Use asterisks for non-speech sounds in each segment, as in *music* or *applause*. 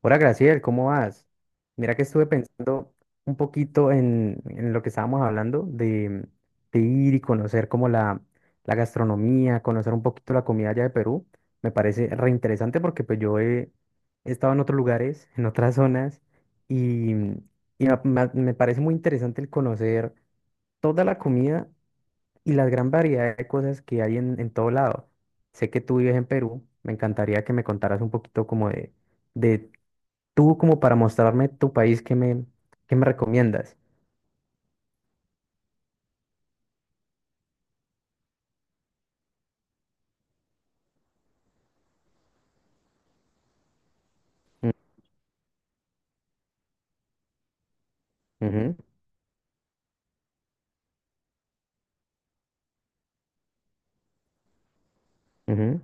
Hola Graciel, ¿cómo vas? Mira que estuve pensando un poquito en lo que estábamos hablando de ir y conocer como la gastronomía, conocer un poquito la comida allá de Perú. Me parece reinteresante porque pues he estado en otros lugares, *laughs* en otras zonas y me parece muy interesante el conocer toda la comida y la gran variedad de cosas que hay en todo lado. Sé que tú vives en Perú, me encantaría que me contaras un poquito como de Tú como para mostrarme tu país, ¿qué me recomiendas? Mm, ujú, ujú.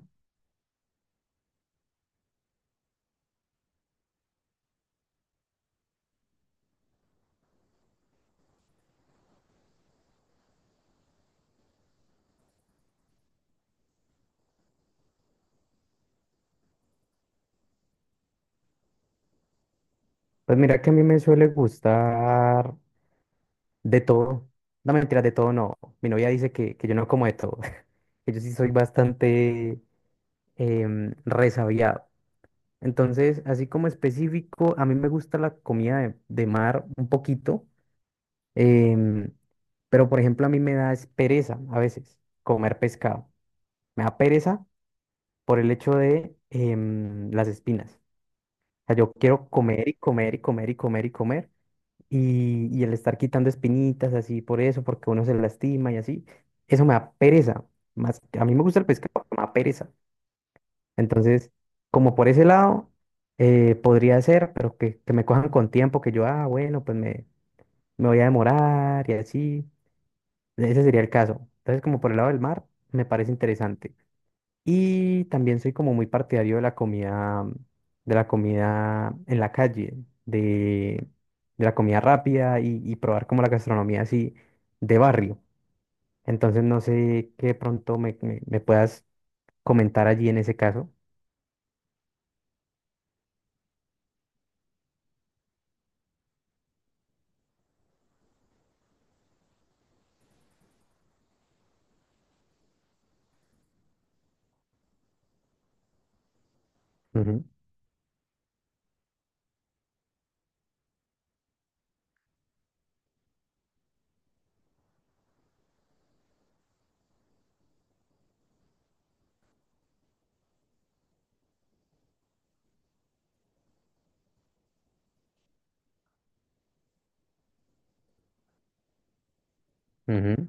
Pues mira que a mí me suele gustar de todo. No mentira, de todo no. Mi novia dice que yo no como de todo, *laughs* que yo sí soy bastante resabiado. Entonces, así como específico, a mí me gusta la comida de mar un poquito, em, pero por ejemplo a mí me da es pereza a veces comer pescado. Me da pereza por el hecho de las espinas. Sea, yo quiero comer y comer y comer y comer y comer. Y el estar quitando espinitas así por eso, porque uno se lastima y así, eso me da pereza. Más, a mí me gusta el pescado, pero me da pereza. Entonces, como por ese lado, podría ser, pero que me cojan con tiempo, que yo, ah, bueno, me voy a demorar y así. Ese sería el caso. Entonces, como por el lado del mar, me parece interesante. Y también soy como muy partidario de la comida en la calle, de, de la comida rápida y probar como la gastronomía así de barrio. Entonces no sé qué de pronto me puedas comentar allí en ese caso. Ujú, ujú.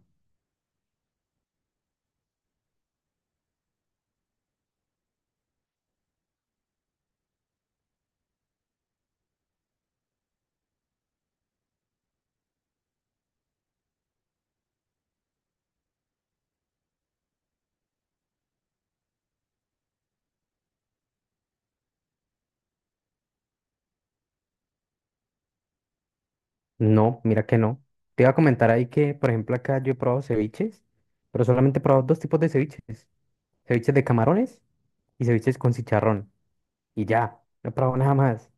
No, mira que no. Te iba a comentar ahí que, por ejemplo, acá yo he probado ceviches, pero solamente he probado dos tipos de ceviches. Ceviches de camarones y ceviches con chicharrón. Y ya, no he probado nada más.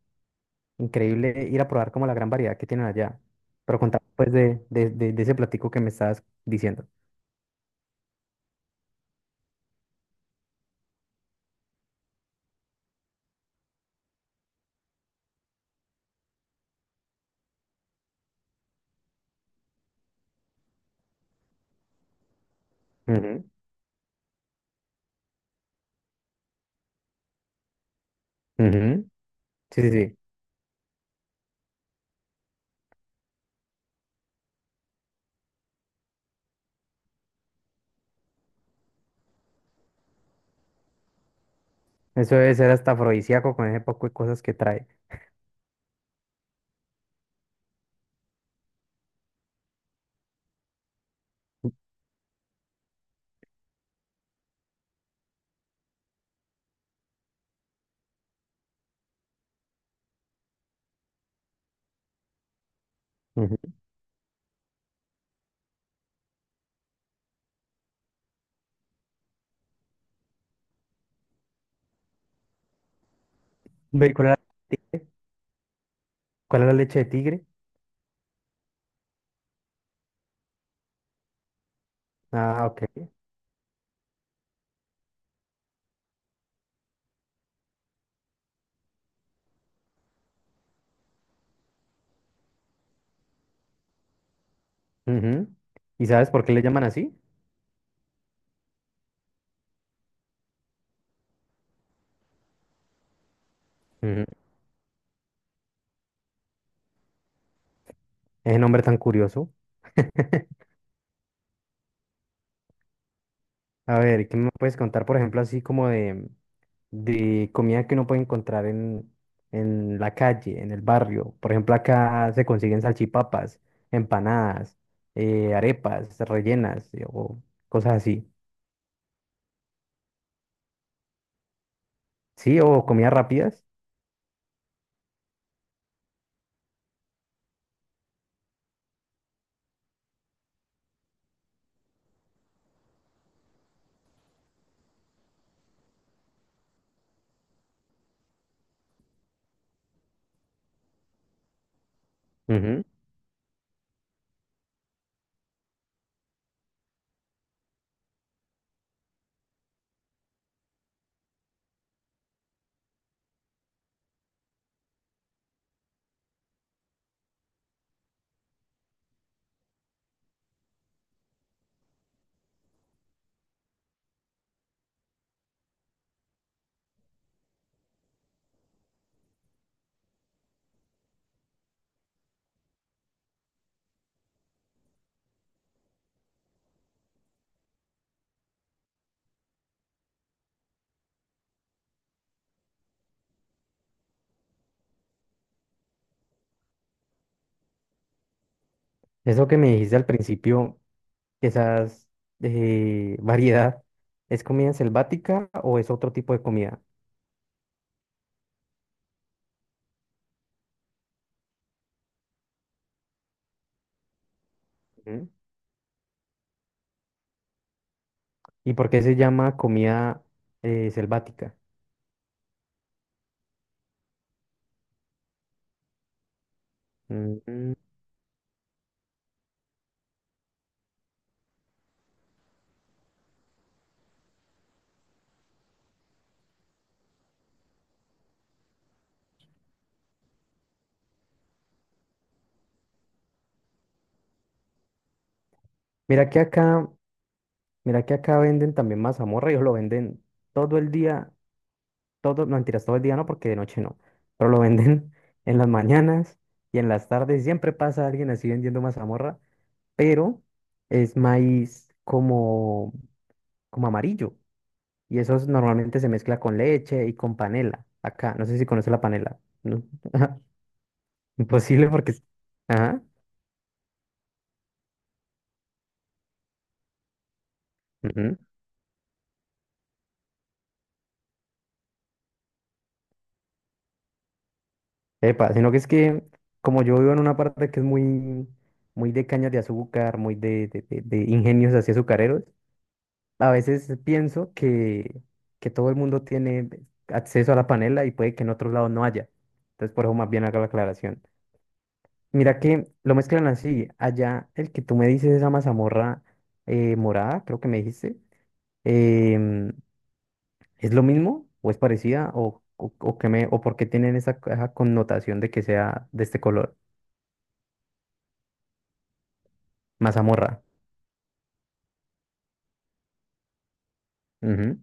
Increíble ir a probar como la gran variedad que tienen allá. Pero contame pues de ese platico que me estabas diciendo. Ujú, ujú. Sí, sí, sí. Eso debe ser hasta afrodisíaco con ese poco de cosas que trae. Ujú. Ve, ti- ¿cuál era la leche de tigre? Ah, ok. Ujú. ¿Y sabes por qué le llaman así? Ujú. Ese nombre tan curioso. A ver, ¿qué me puedes contar, por ejemplo, así como de comida que uno puede encontrar en la calle, en el barrio? Por ejemplo, acá se consiguen salchipapas, empanadas, arepas rellenas o cosas así. Sí, o comidas rápidas. Ujú. Eso que me dijiste al principio, esas *laughs* variedad, ¿es comida selvática o es otro tipo de comida? Ujú. ¿Y por qué se llama comida selvática? Mm. Mira que acá Mira que acá venden también mazamorra, ellos lo venden todo el día, todo, no mentiras, todo el día no, porque de noche no, pero lo venden *laughs* en las mañanas y en las tardes, siempre pasa alguien así vendiendo mazamorra, pero es maíz como, como amarillo y normalmente se mezcla con leche y con panela, acá, no sé si conoces la panela, ¿no? *laughs* Imposible porque... Ajá. Epa, sino que es que como yo vivo en una parte que es muy, muy de cañas de azúcar, muy de ingenios así azucareros, a veces pienso que todo el mundo tiene acceso a la panela y puede que en otros lados no haya. Entonces por eso más bien hago la aclaración. Mira que lo mezclan así. Allá el que tú me dices, esa mazamorra morada, creo que me dijiste, em, ¿es lo mismo o es parecida o qué me, o por qué tienen esa connotación de que sea de este color? Mazamorra. Ujú.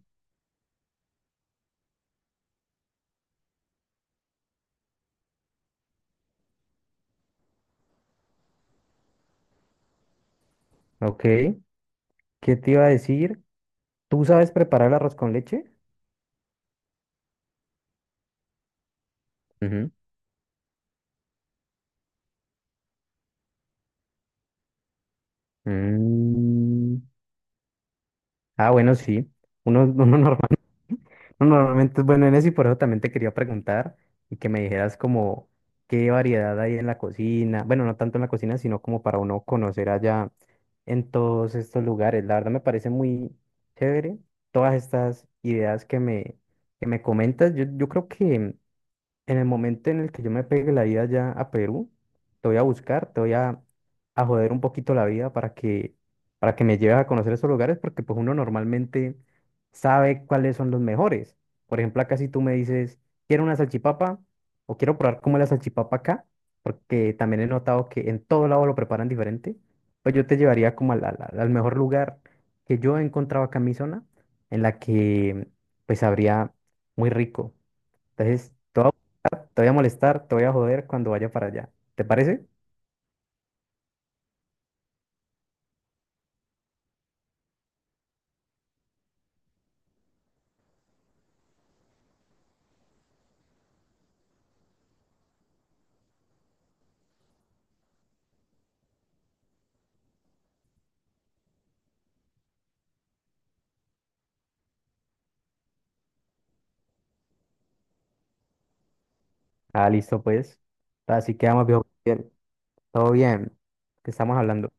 Ok. ¿Qué te iba a decir? ¿Tú sabes preparar el arroz con leche? Ujú. Mm. Ah, bueno, sí. Uno, uno normal- *laughs* uno normalmente es bueno en eso y por eso también te quería preguntar y que me dijeras como qué variedad hay en la cocina. Bueno, no tanto en la cocina, sino como para uno conocer allá en todos estos lugares. La verdad me parece muy chévere todas estas ideas que me comentas. Yo creo que en el momento en el que yo me pegue la vida ya a Perú, te voy a buscar, a joder un poquito la vida para que me lleves a conocer esos lugares, porque pues uno normalmente sabe cuáles son los mejores. Por ejemplo, acá si tú me dices, quiero una salchipapa o quiero probar cómo es la salchipapa acá, porque también he notado que en todo lado lo preparan diferente, pues yo te llevaría como al mejor lugar que yo he encontrado acá en mi zona, en la que pues habría muy rico. Entonces, te voy a molestar, te voy a joder cuando vaya para allá. ¿Te parece? Ah, listo, pues. Así quedamos, viejo. Bien, todo bien. Que estamos hablando.